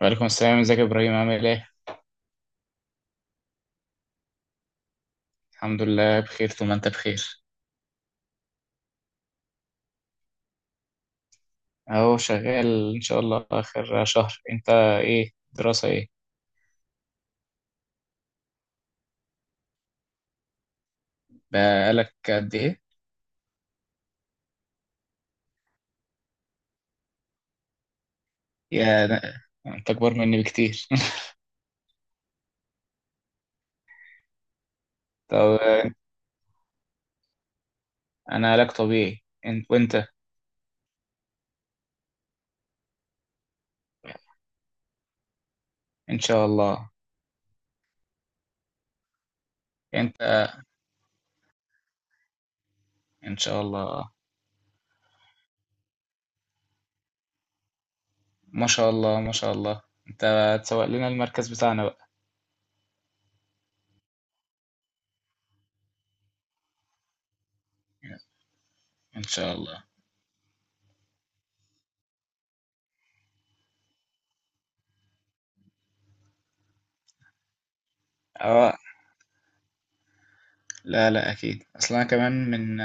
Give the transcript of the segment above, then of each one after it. وعليكم السلام، ازيك يا ابراهيم؟ عامل ايه؟ الحمد لله بخير، ثم انت بخير. اهو شغال ان شاء الله اخر شهر. انت ايه دراسة ايه؟ بقالك قد ايه؟ يا ده- انت اكبر مني بكتير. طب. انا علاج طبيعي، انت؟ وانت؟ ان شاء الله. انت؟ ان شاء الله. ما شاء الله ما شاء الله. انت هتسوق لنا المركز بتاعنا بقى. ان شاء الله. اه، لا لا اكيد، اصلا انا كمان من...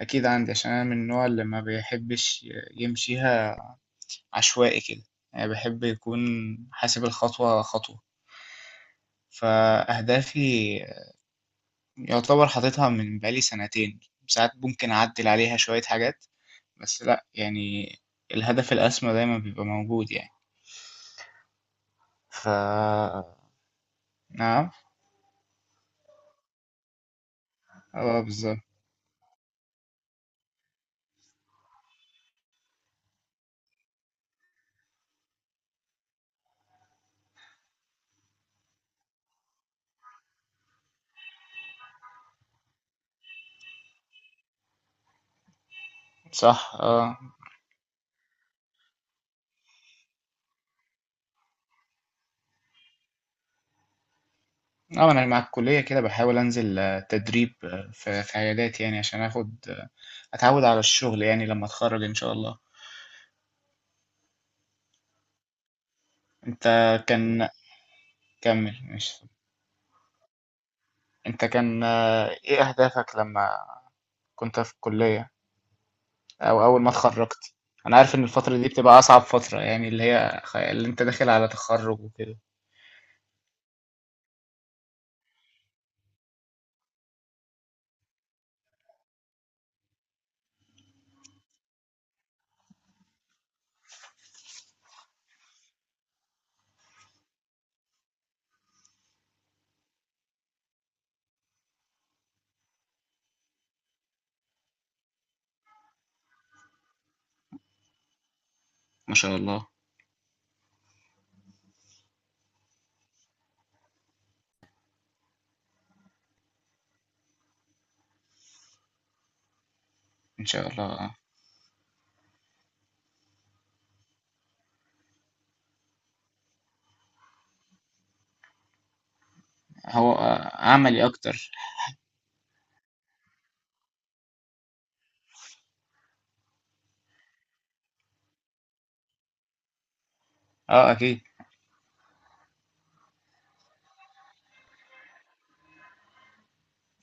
اكيد عندي، عشان انا من النوع اللي ما بيحبش يمشيها عشوائي كده. يعني بحب يكون حاسب الخطوة خطوة. فأهدافي يعتبر حاططها من بقالي سنتين، ساعات ممكن أعدل عليها شوية حاجات، بس لأ يعني الهدف الأسمى دايما بيبقى موجود يعني. ف نعم. اه بالظبط. صح، اه. اه، أنا مع الكلية كده بحاول أنزل تدريب في عيادات، يعني عشان آخد أتعود على الشغل يعني لما أتخرج إن شاء الله. أنت كان... كمل ماشي. انت كان ايه اهدافك لما كنت في الكلية او اول ما اتخرجت؟ انا عارف ان الفترة دي بتبقى اصعب فترة، يعني اللي هي اللي انت داخل على تخرج وكده. ما شاء الله. ان شاء الله. هو عملي اكتر. اه اكيد.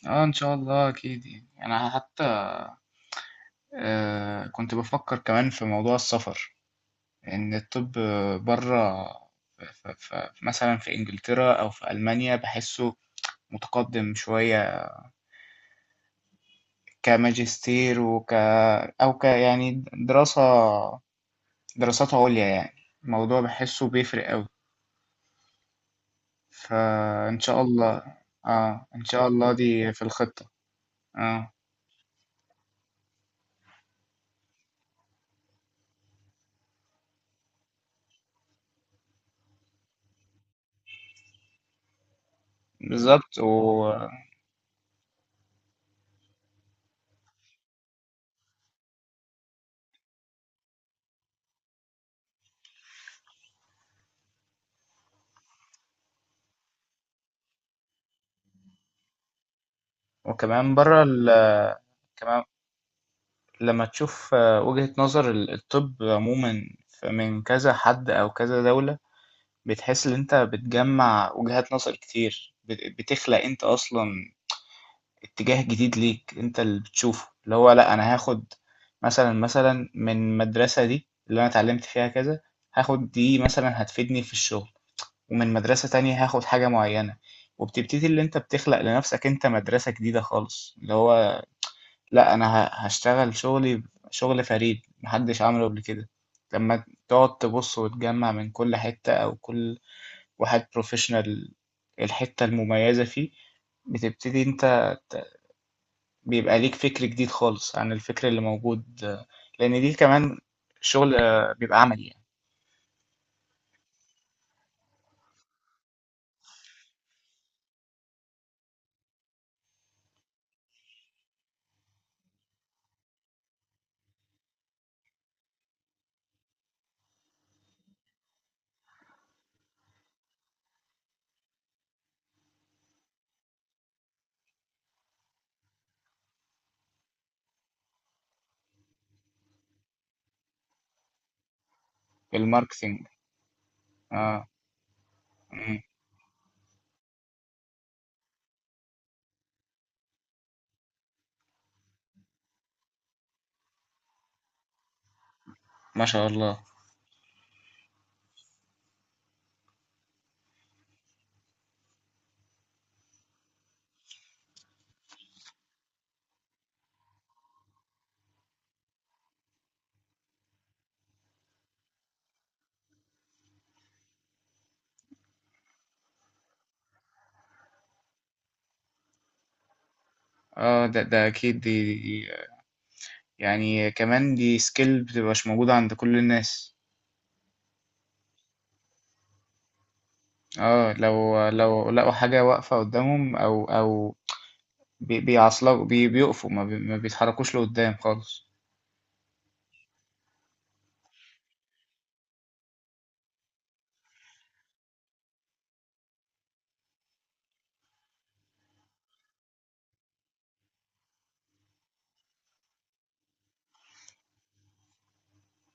اه ان شاء الله اكيد، يعني انا حتى آه كنت بفكر كمان في موضوع السفر، ان الطب بره مثلا في انجلترا او في المانيا بحسه متقدم شوية، كماجستير وك أو ك يعني دراسات عليا يعني. الموضوع بحسه بيفرق أوي، فإن شاء الله. اه إن شاء الله دي في الخطة. اه بالظبط وكمان بره كمان لما تشوف وجهة نظر الطب عموما، من كذا حد أو كذا دولة، بتحس إن أنت بتجمع وجهات نظر كتير، بتخلق أنت أصلا اتجاه جديد ليك، انت اللي بتشوفه، اللي هو لا انا هاخد مثلا من المدرسة دي اللي انا اتعلمت فيها كذا، هاخد دي مثلا هتفيدني في الشغل، ومن مدرسة تانية هاخد حاجة معينة. وبتبتدي اللي انت بتخلق لنفسك انت مدرسة جديدة خالص، اللي هو لا انا هشتغل شغلي، شغل فريد محدش عمله قبل كده. لما تقعد تبص وتجمع من كل حتة او كل واحد بروفيشنال الحتة المميزة فيه، بتبتدي انت، بيبقى ليك فكر جديد خالص عن الفكر اللي موجود، لأن دي كمان شغل بيبقى عملي يعني. في الماركتينج. اه. مم. ما شاء الله. اه ده أكيد، دي يعني كمان دي سكيل بتبقاش موجودة عند كل الناس. اه، لو لقوا حاجة واقفة قدامهم أو بيعصلوا بيقفوا، ما بيتحركوش لقدام خالص.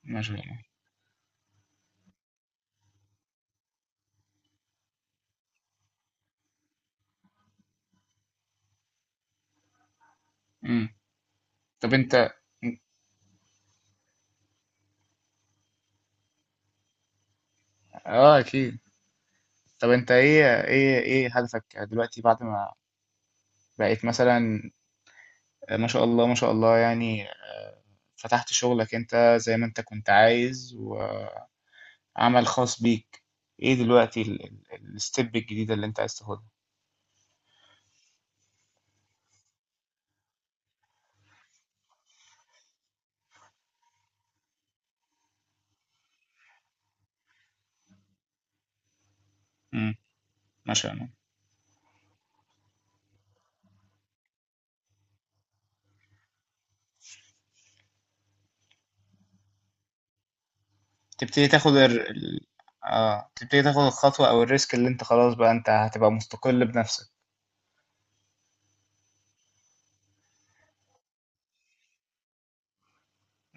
ما شاء الله. مم. طب أنت... اه أكيد. طب أنت إيه هدفك دلوقتي، بعد ما بقيت مثلا ما شاء الله ما شاء الله يعني فتحت شغلك انت زي ما انت كنت عايز، وعمل خاص بيك؟ ايه دلوقتي الستيب الجديدة اللي انت عايز تاخدها؟ امم ما شاء الله. تبتدي تاخد الخطوة او الريسك، اللي انت خلاص بقى انت هتبقى مستقل بنفسك.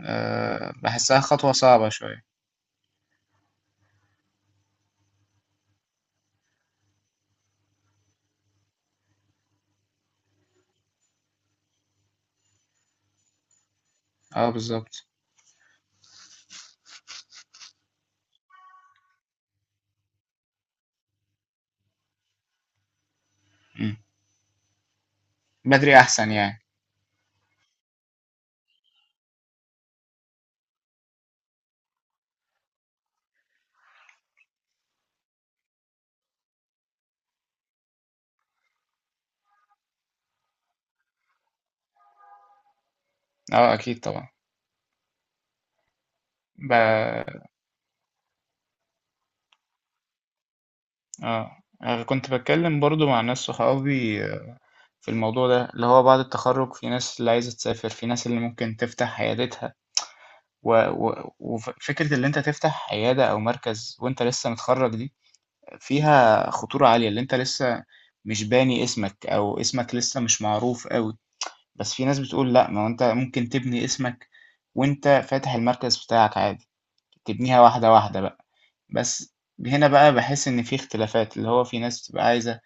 آه بحسها خطوة صعبة شوية. اه بالظبط. مم. بدري احسن يعني. اه اكيد طبعا. اه، أنا كنت بتكلم برضو مع ناس صحابي في الموضوع ده، اللي هو بعد التخرُّج في ناس اللي عايزة تسافر، في ناس اللي ممكن تفتح عيادتها، و فكرة اللي أنت تفتح عيادة أو مركز وأنت لسه متخرّج دي، فيها خطورة عالية، اللي أنت لسه مش باني اسمك أو اسمك لسه مش معروف أوي. بس في ناس بتقول لأ، ما هو أنت ممكن تبني اسمك وأنت فاتح المركز بتاعك عادي، تبنيها واحدة، واحدة بقى. بس هنا بقى باحس إن في اختلافات، اللي هو في ناس بتبقى عايزة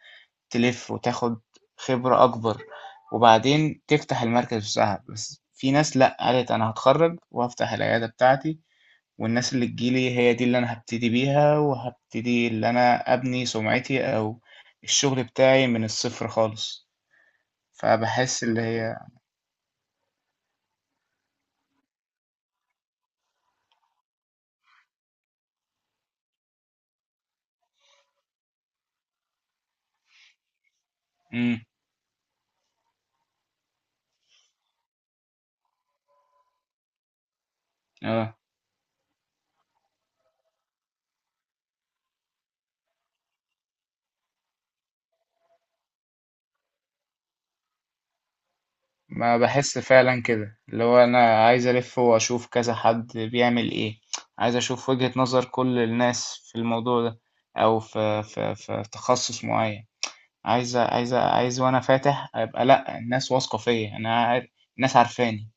تلف وتاخد خبرة أكبر وبعدين تفتح المركز بتاعها، بس في ناس لأ قالت أنا هتخرج وهفتح العيادة بتاعتي، والناس اللي تجيلي هي دي اللي أنا هبتدي بيها، وهبتدي اللي أنا أبني سمعتي أو الشغل بتاعي من الصفر خالص. فبحس اللي هي... مم. اه، ما بحس فعلا كده، اللي هو أنا عايز ألف وأشوف كذا حد بيعمل إيه، عايز أشوف وجهة نظر كل الناس في الموضوع ده أو في في تخصص معين. عايز وانا فاتح ابقى لا، الناس واثقه فيا، الناس عارفاني.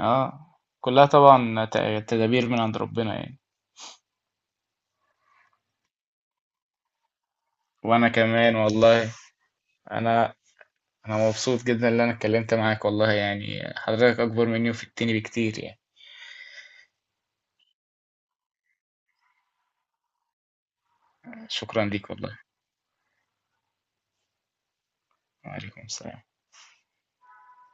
اه، كلها طبعا تدابير من عند ربنا يعني. وانا كمان والله، انا انا مبسوط جدا ان انا اتكلمت معاك والله، يعني حضرتك اكبر مني وفتني بكتير يعني. شكرا ليك والله. وعليكم السلام.